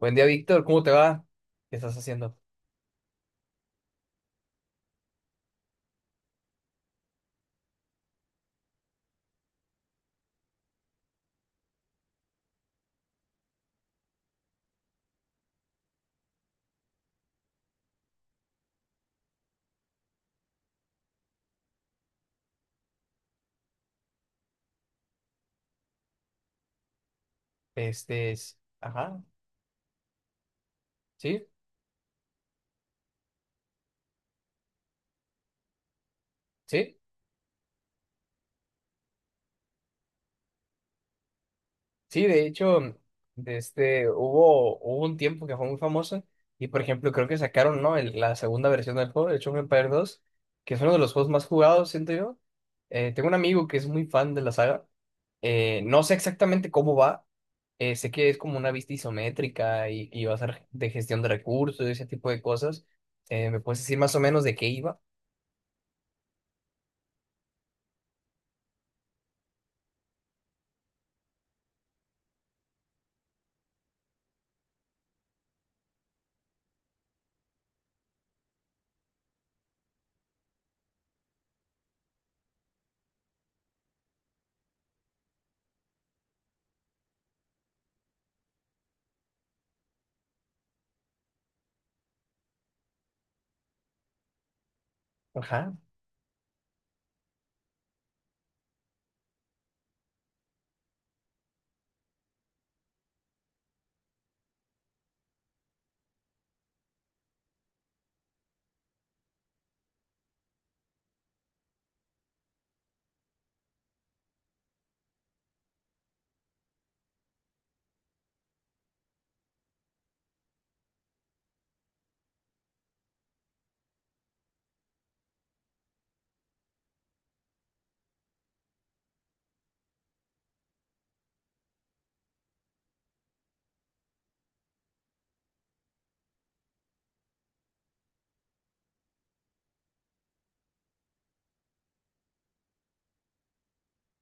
Buen día, Víctor. ¿Cómo te va? ¿Qué estás haciendo? Este, es- ajá, sí, sí, sí. De hecho, hubo un tiempo que fue muy famoso y, por ejemplo, creo que sacaron, ¿no, la segunda versión del juego, el Age of Empires dos, que es uno de los juegos más jugados, siento yo. Tengo un amigo que es muy fan de la saga. No sé exactamente cómo va. Sé que es como una vista isométrica y, va a ser de gestión de recursos y ese tipo de cosas. ¿Me puedes decir más o menos de qué iba?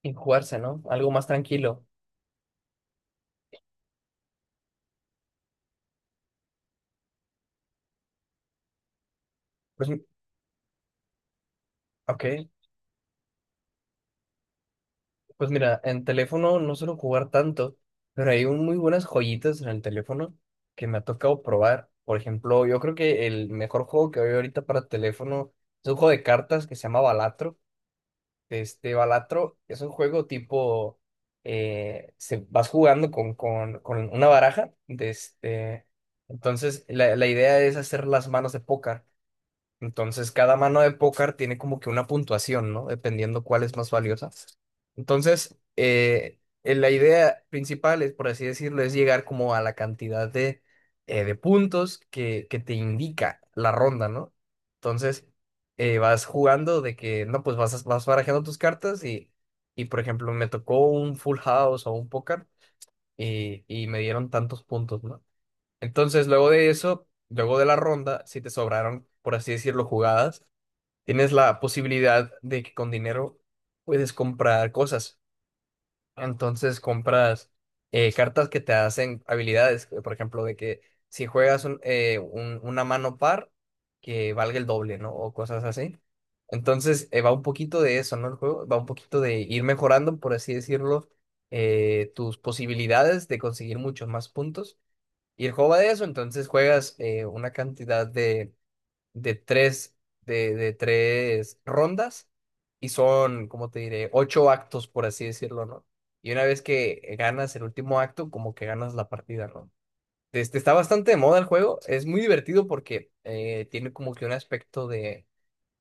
Y jugarse, ¿no? Algo más tranquilo. Pues, m- ok, pues mira, en teléfono no suelo jugar tanto, pero muy buenas joyitas en el teléfono que me ha tocado probar. Por ejemplo, yo creo que el mejor juego que hay ahorita para teléfono es un juego de cartas que se llama Balatro. Este Balatro es un juego tipo, vas jugando con una baraja. Entonces, la la, idea es hacer las manos de póker. Entonces, cada mano de póker tiene como que una puntuación, ¿no? Dependiendo cuál es más valiosa. Entonces, la idea principal es, por así decirlo, es llegar como a la cantidad de puntos que te indica la ronda, ¿no? Entonces, vas jugando de que, no, pues vas barajando tus cartas y, por ejemplo, me tocó un full house o un póker y me dieron tantos puntos, ¿no? Entonces, luego de eso, luego de la ronda, si te sobraron, por así decirlo, jugadas, tienes la posibilidad de que con dinero puedes comprar cosas. Entonces, compras cartas que te hacen habilidades. Por ejemplo, de que si juegas una mano par, que valga el doble, ¿no? O cosas así. Entonces, va un poquito de eso, ¿no? El juego va un poquito de ir mejorando, por así decirlo, tus posibilidades de conseguir muchos más puntos y el juego va de eso, entonces juegas una cantidad de, de tres, de tres rondas y son, ¿como te diré? Ocho actos, por así decirlo, ¿no? Y una vez que ganas el último acto, como que ganas la partida, ¿no? Este, está bastante de moda el juego, es muy divertido porque tiene como que un aspecto de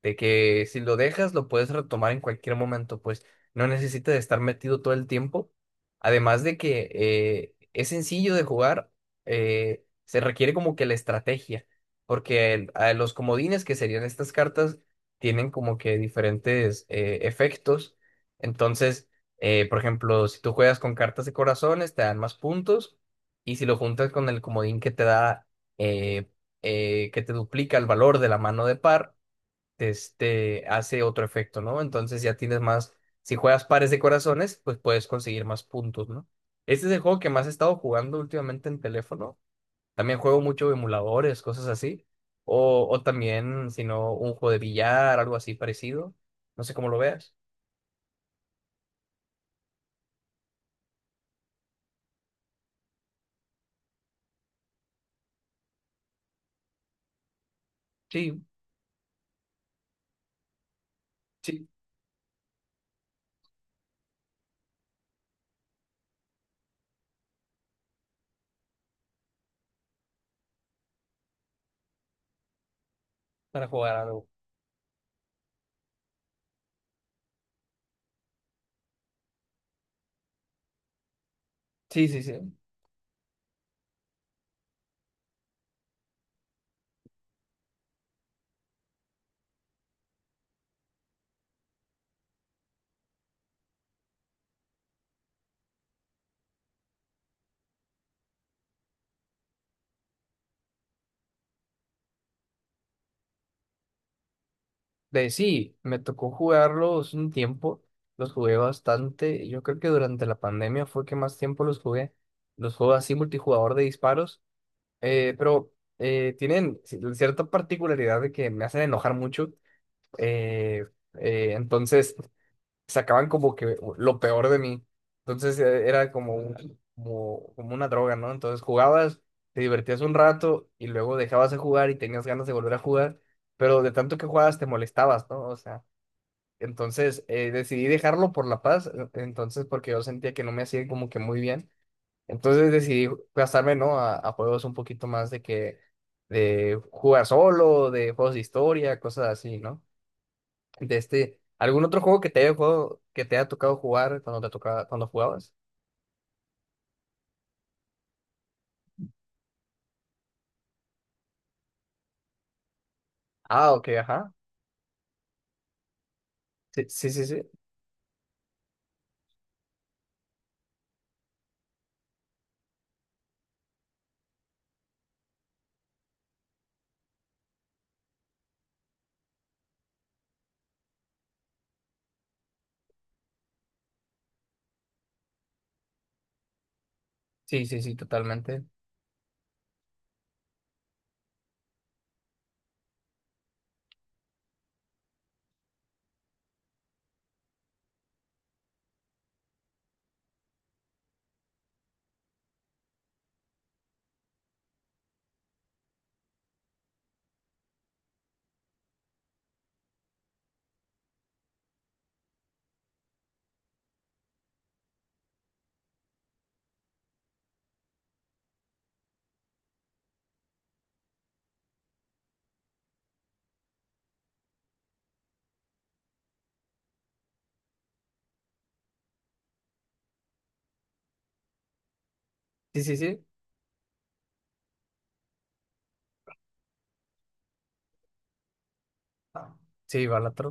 que si lo dejas, lo puedes retomar en cualquier momento, pues no necesitas estar metido todo el tiempo. Además de que es sencillo de jugar, se requiere como que la estrategia, porque a los comodines, que serían estas cartas, tienen como que diferentes efectos. Entonces, por ejemplo, si tú juegas con cartas de corazones, te dan más puntos, y si lo juntas con el comodín que te da, eh, que te duplica el valor de la mano de par, este, hace otro efecto, ¿no? Entonces ya tienes más, si juegas pares de corazones, pues puedes conseguir más puntos, ¿no? Este es el juego que más he estado jugando últimamente en teléfono. También juego mucho emuladores, cosas así. O también, si no, un juego de billar, algo así parecido. No sé cómo lo veas. Sí, sí, para jugar algo. Sí, sí, sí. De Sí, me tocó jugarlos un tiempo. Los jugué bastante. Yo creo que durante la pandemia fue que más tiempo los jugué, los juegos así multijugador de disparos. Pero tienen cierta particularidad de que me hacen enojar mucho. eh, entonces sacaban como que lo peor de mí. Entonces era como, como, como una droga, ¿no? Entonces jugabas, te divertías un rato y luego dejabas de jugar y tenías ganas de volver a jugar, pero de tanto que jugabas te molestabas, ¿no? O sea, entonces decidí dejarlo por la paz, entonces porque yo sentía que no me hacía como que muy bien. Entonces decidí gastarme, ¿no? A juegos un poquito más de que, de jugar solo, de juegos de historia, cosas así, ¿no? De este, ¿algún otro juego que que te haya tocado jugar cuando te tocaba, cuando jugabas? Ah, ok, ajá. Sí, sí, sí, sí. Sí, sí, sí, totalmente. Sí, sí, sí. Ah, sí, Balatro.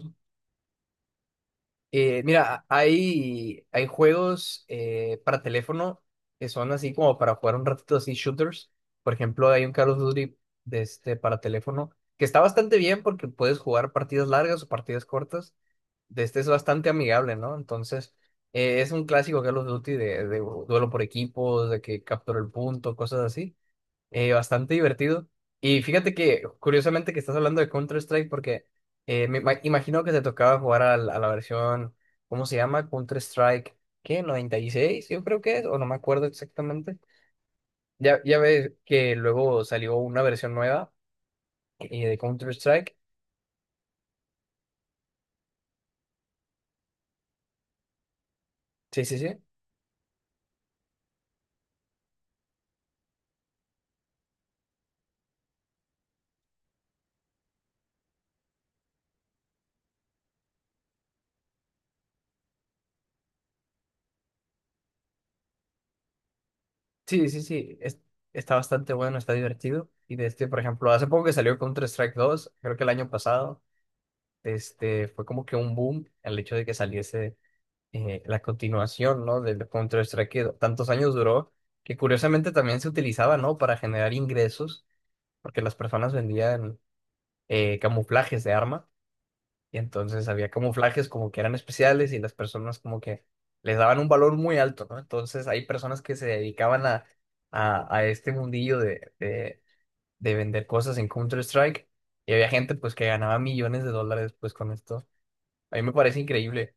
Mira, hay juegos para teléfono que son así como para jugar un ratito, así shooters. Por ejemplo, hay un Call of Duty de este, para teléfono, que está bastante bien porque puedes jugar partidas largas o partidas cortas. De este es bastante amigable, ¿no? Entonces, es un clásico Call of Duty de duelo por equipos, de que captura el punto, cosas así, bastante divertido. Y fíjate que, curiosamente, que estás hablando de Counter-Strike porque imagino que te tocaba jugar a la versión, ¿cómo se llama? Counter-Strike, ¿qué, 96? Yo creo que es, o no me acuerdo exactamente. Ya ves que luego salió una versión nueva de Counter-Strike. Sí, sí, sí. Sí, sí, sí, está bastante bueno, está divertido. Y de este, por ejemplo, hace poco que salió Counter-Strike dos, creo que el año pasado, este, fue como que un boom el hecho de que saliese la continuación, ¿no? Del Counter-Strike que tantos años duró, que curiosamente también se utilizaba, ¿no? Para generar ingresos, porque las personas vendían camuflajes de arma, y entonces había camuflajes como que eran especiales y las personas como que les daban un valor muy alto, ¿no? Entonces hay personas que se dedicaban a este mundillo de vender cosas en Counter-Strike, y había gente pues que ganaba millones de dólares pues con esto. A mí me parece increíble.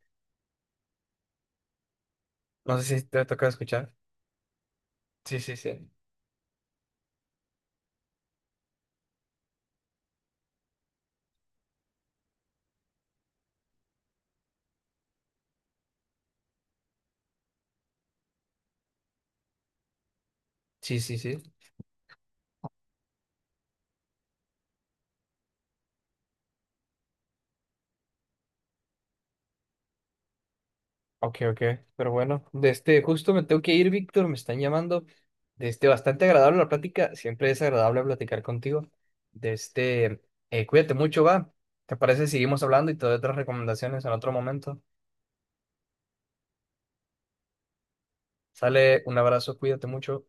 No sé si te toca escuchar. Sí, sí, sí. Sí, sí, sí. Ok, ok. Pero bueno, de este, justo me tengo que ir, Víctor, me están llamando. De este, bastante agradable la plática. Siempre es agradable platicar contigo. De este, cuídate mucho, va. ¿Te parece si Seguimos hablando y te doy otras recomendaciones en otro momento? Sale, un abrazo, cuídate mucho.